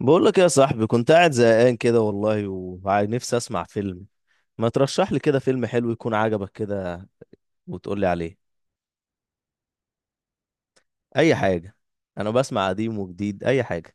بقول لك يا صاحبي، كنت قاعد زهقان كده والله ونفسي اسمع فيلم. ما ترشح لي كده فيلم حلو يكون عجبك كده وتقول لي عليه. اي حاجه، انا بسمع قديم وجديد اي حاجه.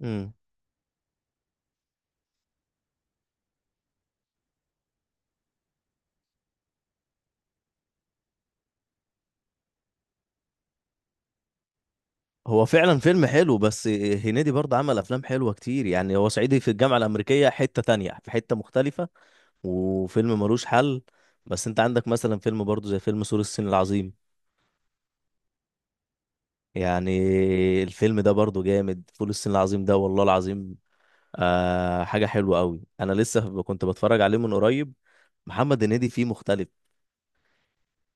امم هو فعلا فيلم حلو، بس هنيدي برضه عمل افلام حلوه كتير. يعني هو صعيدي في الجامعه الامريكيه حته، تانية في حته مختلفه، وفيلم ملوش حل. بس انت عندك مثلا فيلم برضه زي فيلم سور الصين العظيم. يعني الفيلم ده برضه جامد، فول الصين العظيم ده والله العظيم. آه، حاجة حلوة قوي. انا لسه كنت بتفرج عليه من قريب. محمد هنيدي فيه مختلف.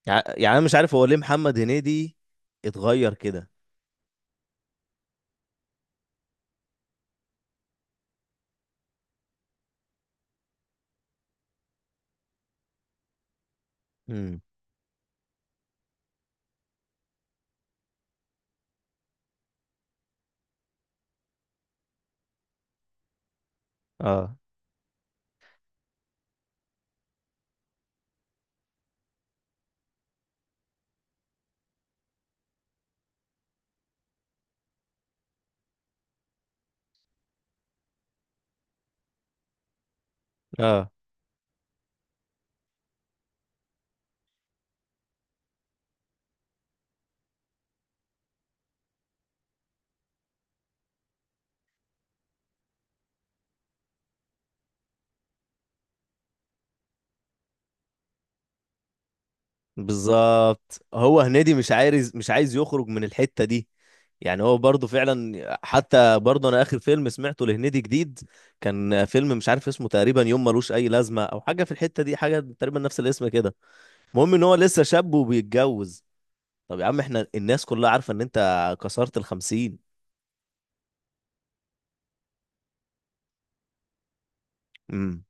يعني انا مش عارف هو ليه محمد هنيدي اتغير كده. امم اه. اه، بالظبط، هو هنيدي مش عايز يخرج من الحتة دي. يعني هو برضه فعلا، حتى برضه انا اخر فيلم سمعته لهنيدي جديد كان فيلم مش عارف اسمه تقريبا يوم ملوش اي لازمة او حاجة في الحتة دي، حاجة تقريبا نفس الاسم كده. المهم ان هو لسه شاب وبيتجوز. طب يا عم احنا الناس كلها عارفة ان انت كسرت الـ50. امم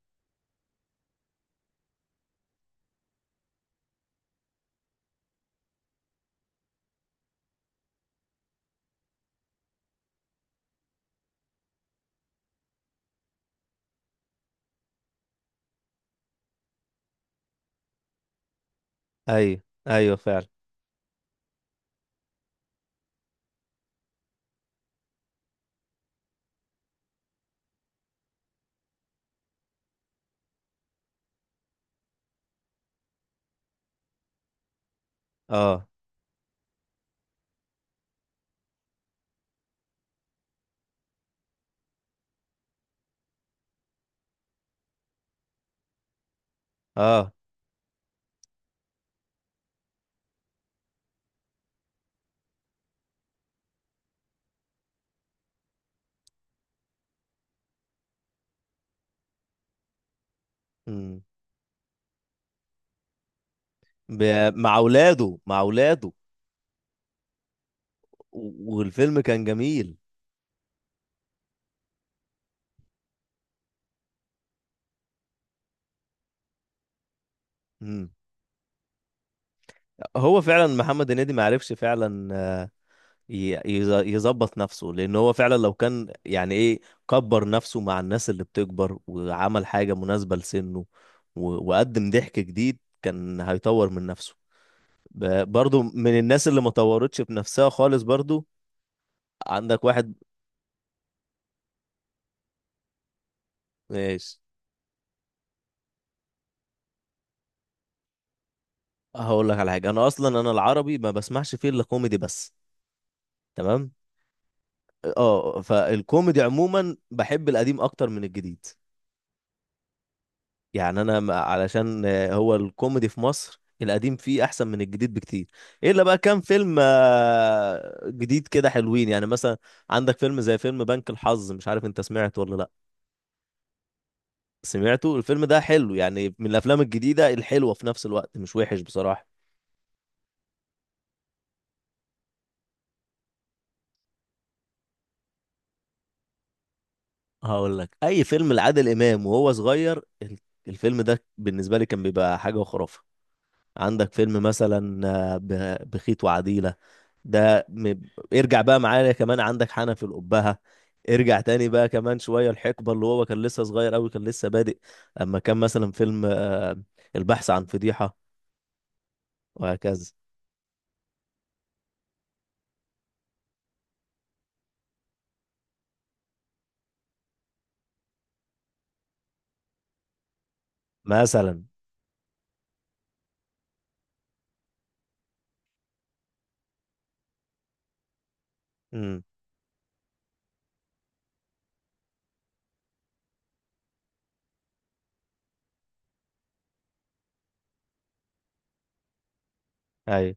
ايوه، ايوه فعلا. اه. اه. امم ب... مع اولاده. والفيلم كان جميل. امم هو فعلا محمد هنيدي ما عرفش فعلا يظبط نفسه، لان هو فعلا لو كان يعني ايه كبر نفسه مع الناس اللي بتكبر وعمل حاجة مناسبة لسنه، وقدم ضحك جديد كان هيطور من نفسه. برضو من الناس اللي ما طورتش بنفسها خالص برضو. عندك واحد. ماشي، هقول لك على حاجه. انا اصلا انا العربي ما بسمعش فيه الا كوميدي بس. تمام. اه، فالكوميدي عموما بحب القديم اكتر من الجديد. يعني انا ما- علشان هو الكوميدي في مصر القديم فيه احسن من الجديد بكتير. الا بقى كام فيلم جديد كده حلوين، يعني مثلا عندك فيلم زي فيلم بنك الحظ. مش عارف انت سمعته ولا لا. سمعته. الفيلم ده حلو يعني، من الافلام الجديده الحلوه في نفس الوقت، مش وحش بصراحه. هقول لك، اي فيلم لعادل امام وهو صغير الفيلم ده بالنسبه لي كان بيبقى حاجه وخرافه. عندك فيلم مثلا بخيت وعديله. ده م- ارجع بقى معايا كمان، عندك حنف الأبهة. ارجع تاني بقى كمان شويه، الحقبه اللي هو كان لسه صغير قوي، كان لسه بادئ. اما كان مثلا فيلم البحث عن فضيحه، وهكذا. مثلا. امم أيوه.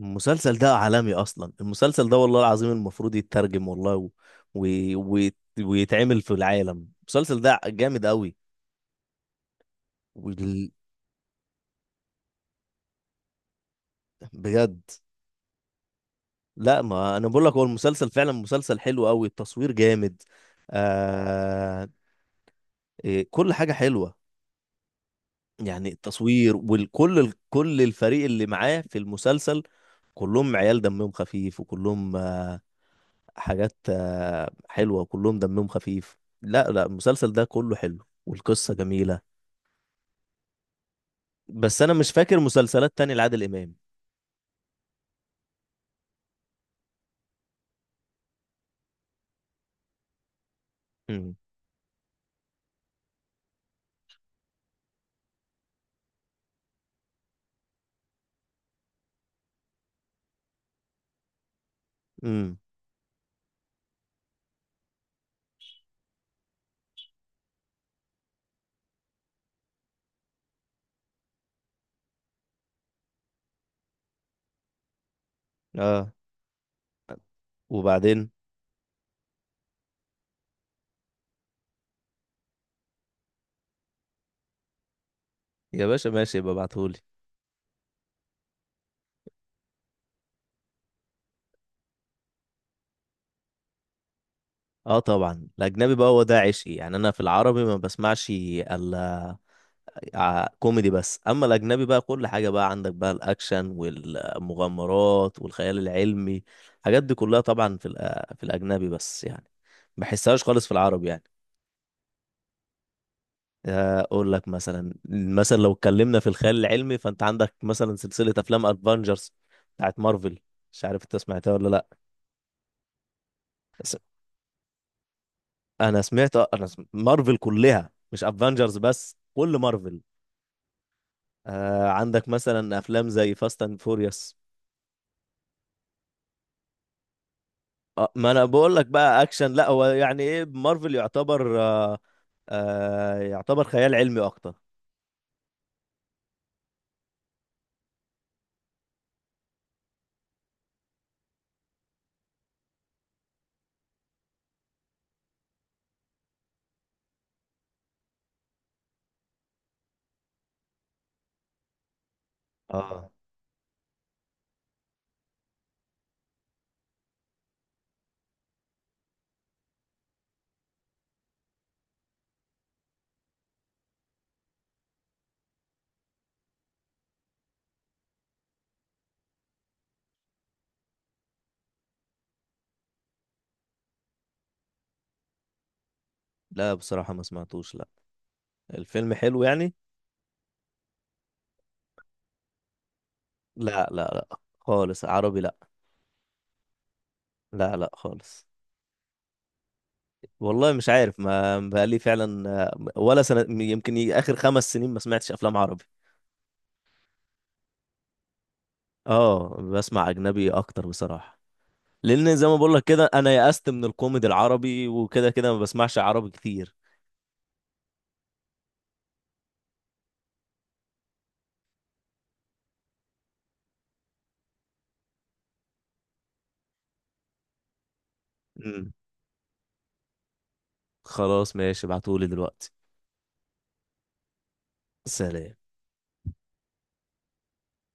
المسلسل ده عالمي اصلا، المسلسل ده والله العظيم المفروض يترجم والله و... و... ويتعمل في العالم. المسلسل ده جامد قوي. وال... بجد؟ لا، ما انا بقول لك، هو المسلسل فعلا مسلسل حلو قوي، التصوير جامد. آه... إيه، كل حاجة حلوة. يعني التصوير كل الفريق اللي معاه في المسلسل كلهم عيال دمهم خفيف، وكلهم حاجات حلوة، كلهم دمهم خفيف. لا لا، المسلسل ده كله حلو والقصة جميلة. بس أنا مش فاكر مسلسلات تانية لعادل إمام. امم امم اه، وبعدين. يا باشا ماشي، يبقى ابعتهولي. اه طبعا، الأجنبي بقى هو ده عشقي. يعني أنا في العربي ما بسمعش إلا كوميدي بس، أما الأجنبي بقى كل حاجة، بقى عندك بقى الأكشن والمغامرات والخيال العلمي. الحاجات دي كلها طبعا في في الأجنبي، بس يعني ما بحسهاش خالص في العربي يعني. اقول لك مثلا، لو اتكلمنا في الخيال العلمي، فانت عندك مثلا سلسله افلام افنجرز بتاعت مارفل. مش عارف انت سمعتها ولا لا. س- انا مارفل كلها مش افنجرز بس، كل مارفل. آه، عندك مثلا افلام زي فاست اند فوريوس. آه، ما انا بقول لك بقى اكشن. لا هو يعني ايه، مارفل يعتبر آه يعتبر خيال علمي اكتر. اه. لا بصراحه ما سمعتوش، لا. الفيلم حلو يعني. لا لا لا خالص، عربي لا. لا لا خالص. والله مش عارف، ما بقالي فعلا ولا سنة، يمكن آخر 5 سنين ما سمعتش أفلام عربي. اه، بسمع أجنبي أكتر بصراحة، لأن زي ما بقول لك كده أنا يأست من الكوميدي العربي، وكده كده ما بسمعش عربي كتير. مم. خلاص ماشي، ابعتهولي دلوقتي. سلام.